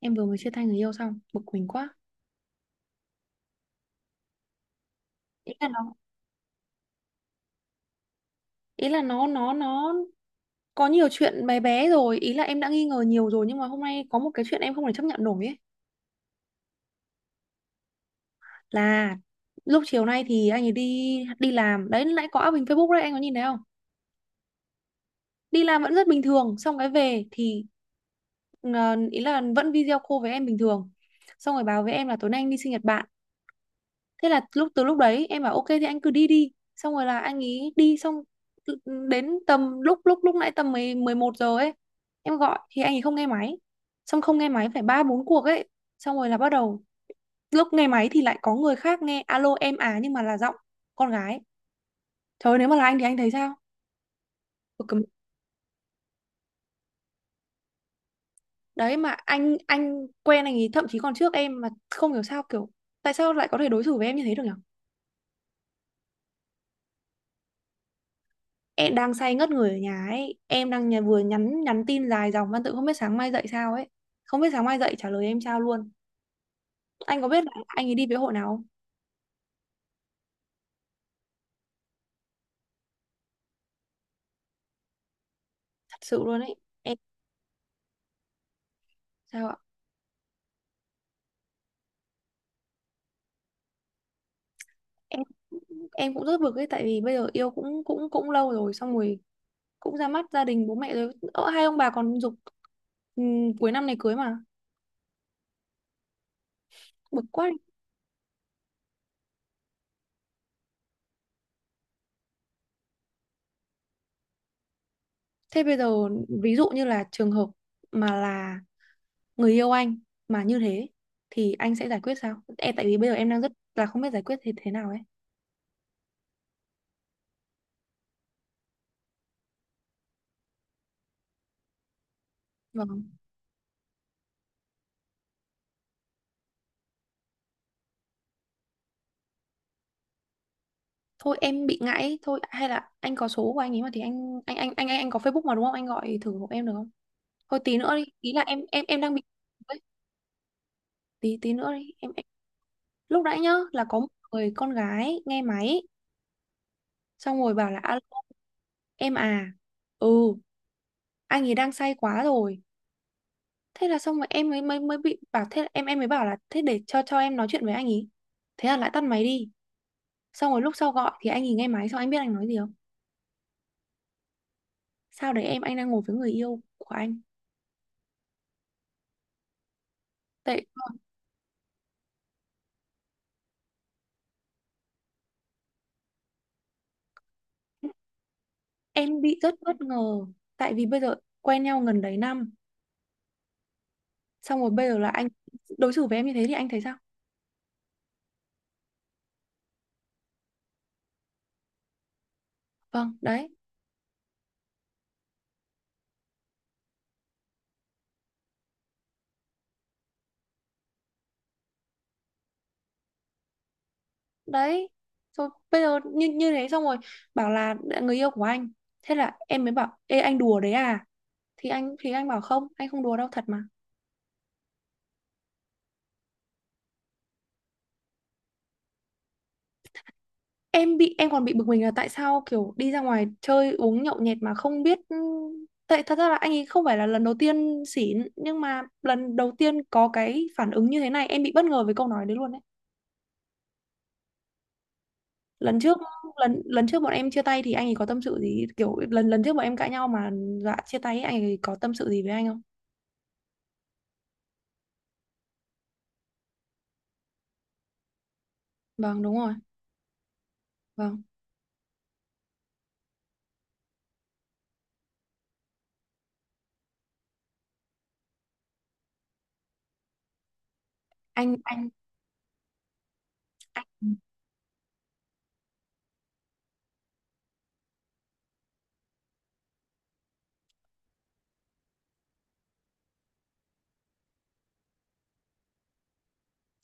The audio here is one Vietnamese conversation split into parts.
Em vừa mới chia tay người yêu xong, bực mình quá. Ý là nó ý là nó nó nó có nhiều chuyện bé bé rồi, ý là em đã nghi ngờ nhiều rồi, nhưng mà hôm nay có một cái chuyện em không thể chấp nhận nổi ấy. Là lúc chiều nay thì anh ấy đi đi làm đấy, nãy có up hình Facebook đấy, anh có nhìn thấy không? Đi làm vẫn rất bình thường, xong cái về thì ý là vẫn video call với em bình thường, xong rồi báo với em là tối nay anh đi sinh nhật bạn. Thế là lúc, từ lúc đấy em bảo ok thì anh cứ đi đi, xong rồi là anh ý đi. Xong đến tầm lúc lúc lúc nãy tầm 11 giờ ấy, em gọi thì anh ấy không nghe máy. Xong không nghe máy phải ba bốn cuộc ấy, xong rồi là bắt đầu lúc nghe máy thì lại có người khác nghe, alo em à, nhưng mà là giọng con gái. Trời ơi, nếu mà là anh thì anh thấy sao? Tôi cầm- Đấy, mà anh quen anh ấy thậm chí còn trước em, mà không hiểu sao kiểu tại sao lại có thể đối xử với em như thế được nhỉ? Em đang say ngất người ở nhà ấy, em đang nhà vừa nhắn nhắn tin dài dòng văn tự, không biết sáng mai dậy sao ấy, không biết sáng mai dậy trả lời em sao luôn. Anh có biết là anh ấy đi với hội nào không? Thật sự luôn ấy. Em sao ạ? em em cũng rất bực ấy, tại vì bây giờ yêu cũng cũng cũng lâu rồi, xong rồi cũng ra mắt gia đình bố mẹ rồi. Ờ, hai ông bà còn giục cuối năm này cưới mà. Bực quá. Thế bây giờ ví dụ như là trường hợp mà là người yêu anh mà như thế thì anh sẽ giải quyết sao? Em tại vì bây giờ em đang rất là không biết giải quyết thế thế nào ấy. Vâng. Thôi em bị ngại ấy. Thôi hay là anh có số của anh ấy mà thì anh có Facebook mà đúng không? Anh gọi thử hộ em được không? Thôi tí nữa đi, ý là em đang bị ấy. Tí tí nữa đi. Em, lúc nãy nhá là có một người con gái nghe máy, xong rồi bảo là alo em à. Ừ, anh ấy đang say quá rồi. Thế là xong rồi em mới mới mới bị bảo thế, là em mới bảo là thế để cho em nói chuyện với anh ý. Thế là lại tắt máy đi. Xong rồi lúc sau gọi thì anh ý nghe máy, xong anh biết anh nói gì không? Sao đấy em, anh đang ngồi với người yêu của anh. Tại em bị rất bất ngờ, tại vì bây giờ quen nhau gần đấy năm, xong rồi bây giờ là anh đối xử với em như thế thì anh thấy sao? Vâng đấy. Đấy rồi bây giờ như như thế, xong rồi bảo là người yêu của anh, thế là em mới bảo ê anh đùa đấy à, thì anh bảo không anh không đùa đâu thật mà. Em bị em còn bị bực mình là tại sao kiểu đi ra ngoài chơi uống nhậu nhẹt mà không biết. Ừ, tại thật ra là anh ấy không phải là lần đầu tiên xỉn, nhưng mà lần đầu tiên có cái phản ứng như thế này, em bị bất ngờ với câu nói đấy luôn đấy. Lần trước, lần lần trước bọn em chia tay thì anh ấy có tâm sự gì, kiểu lần lần trước bọn em cãi nhau mà dọa chia tay ấy, anh ấy có tâm sự gì với anh không? Vâng đúng rồi. Vâng. anh anh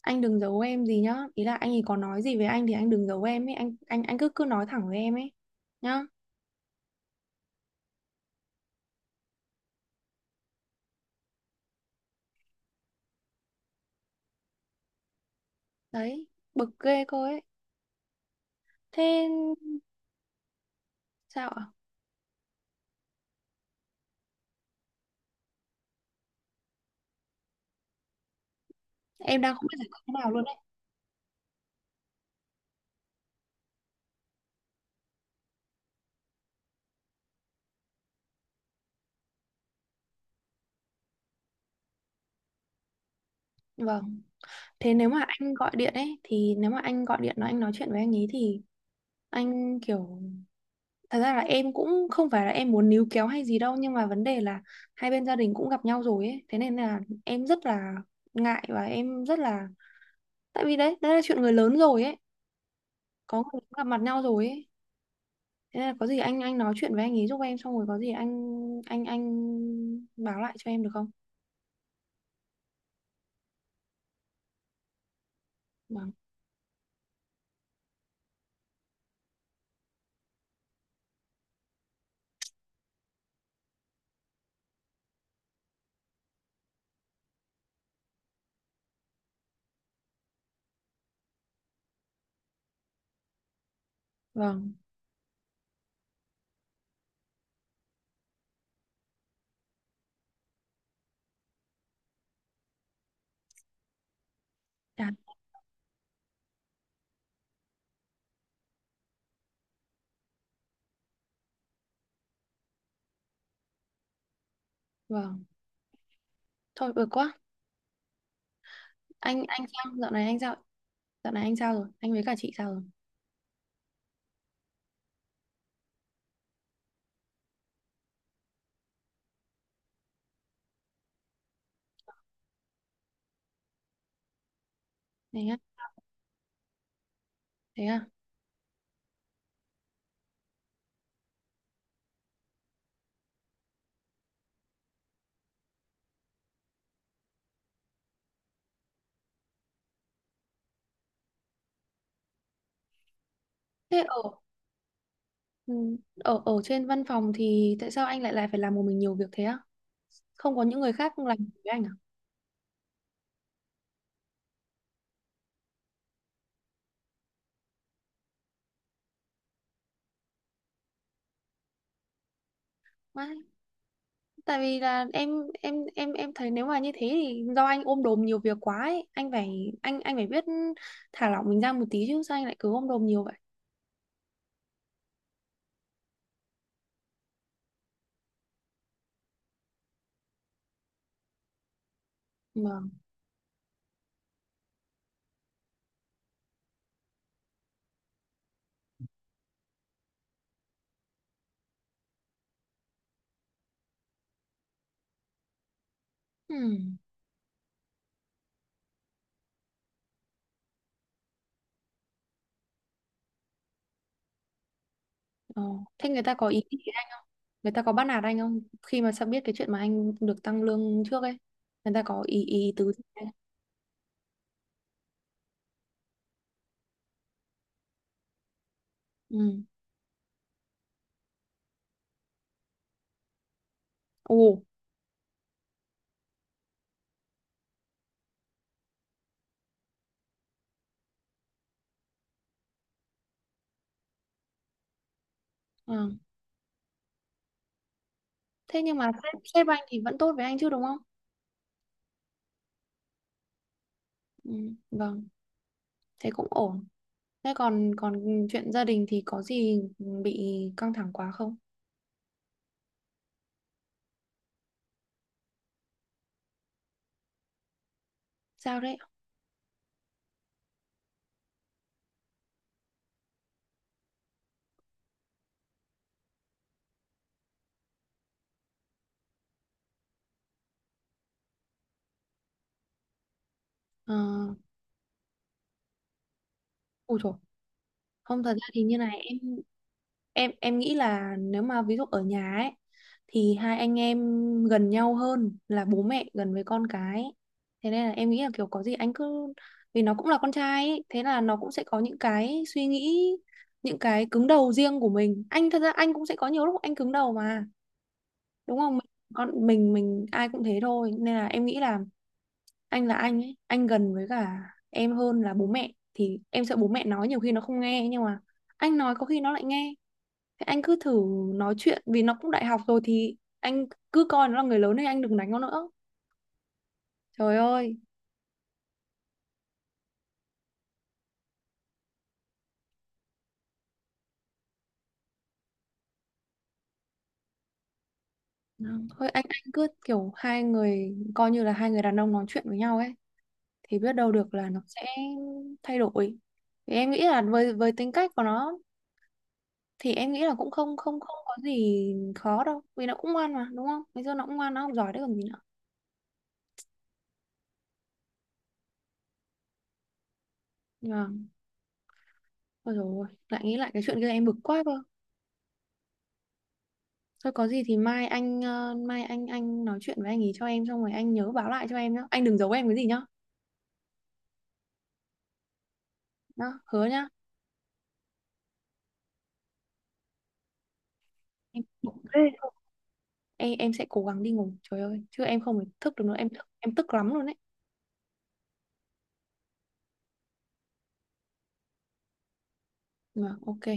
anh đừng giấu em gì nhá, ý là anh ấy có nói gì với anh thì anh đừng giấu em ấy, anh cứ cứ nói thẳng với em ấy nhá. Đấy, bực ghê cô ấy. Thế sao ạ? Em đang không biết giải quyết thế nào luôn đấy. Vâng. Thế nếu mà anh gọi điện ấy, thì nếu mà anh gọi điện nói anh nói chuyện với anh ấy thì anh kiểu, thật ra là em cũng không phải là em muốn níu kéo hay gì đâu, nhưng mà vấn đề là hai bên gia đình cũng gặp nhau rồi ấy, thế nên là em rất là ngại, và em rất là, tại vì đấy đấy là chuyện người lớn rồi ấy, có người cũng gặp mặt nhau rồi ấy. Thế nên là có gì anh nói chuyện với anh ấy giúp em, xong rồi có gì anh báo lại cho em được không? Vâng. Vâng, chán, vâng. Thôi bực quá. Anh sao? Dạo này anh sao? Dạo này anh sao rồi? Anh với cả chị sao rồi? Thế á, thế à? Thế ở, ừ, ở ở trên văn phòng thì tại sao anh lại lại phải làm một mình nhiều việc thế á? Không có những người khác làm cùng với anh à? Vãi. Tại vì là em em thấy nếu mà như thế thì do anh ôm đồm nhiều việc quá ấy, anh phải anh phải biết thả lỏng mình ra một tí chứ sao anh lại cứ ôm đồm nhiều vậy? Vâng. Ừ. Ờ. Thế người ta có ý gì? Người ta có bắt nạt anh không, khi mà sao biết cái chuyện mà anh được tăng lương trước ấy, người ta có ý ý tứ gì không? Ừ. Ồ. À. Thế nhưng mà sếp sếp anh thì vẫn tốt với anh chứ đúng không? Ừ. Vâng, thế cũng ổn. Thế còn còn chuyện gia đình thì có gì bị căng thẳng quá không? Sao đấy? Ờ. Ôi trời. Không, thật ra thì như này em nghĩ là nếu mà ví dụ ở nhà ấy thì hai anh em gần nhau hơn là bố mẹ gần với con cái. Thế nên là em nghĩ là kiểu có gì anh cứ, vì nó cũng là con trai ấy, thế là nó cũng sẽ có những cái suy nghĩ, những cái cứng đầu riêng của mình. Anh thật ra anh cũng sẽ có nhiều lúc anh cứng đầu mà đúng không? Mình con mình, ai cũng thế thôi, nên là em nghĩ là anh ấy, anh gần với cả em hơn là bố mẹ, thì em sợ bố mẹ nói nhiều khi nó không nghe, nhưng mà anh nói có khi nó lại nghe. Thế anh cứ thử nói chuyện, vì nó cũng đại học rồi, thì anh cứ coi nó là người lớn, thì anh đừng đánh nó nữa. Trời ơi. Thôi anh cứ kiểu hai người coi như là hai người đàn ông nói chuyện với nhau ấy, thì biết đâu được là nó sẽ thay đổi. Thì em nghĩ là với tính cách của nó, thì em nghĩ là cũng không không không có gì khó đâu, vì nó cũng ngoan mà đúng không? Bây giờ nó cũng ngoan, nó học giỏi đấy còn gì nữa. Nhưng mà ôi dồi ôi, lại nghĩ lại cái chuyện kia em bực quá cơ. Thôi có gì thì mai anh, mai anh nói chuyện với anh ý cho em, xong rồi anh nhớ báo lại cho em nhá. Anh đừng giấu em cái gì nhá. Đó, hứa nhá. Em em sẽ cố gắng đi ngủ. Trời ơi, chứ em không phải thức được nữa, em thức em tức lắm luôn đấy. Mà ok.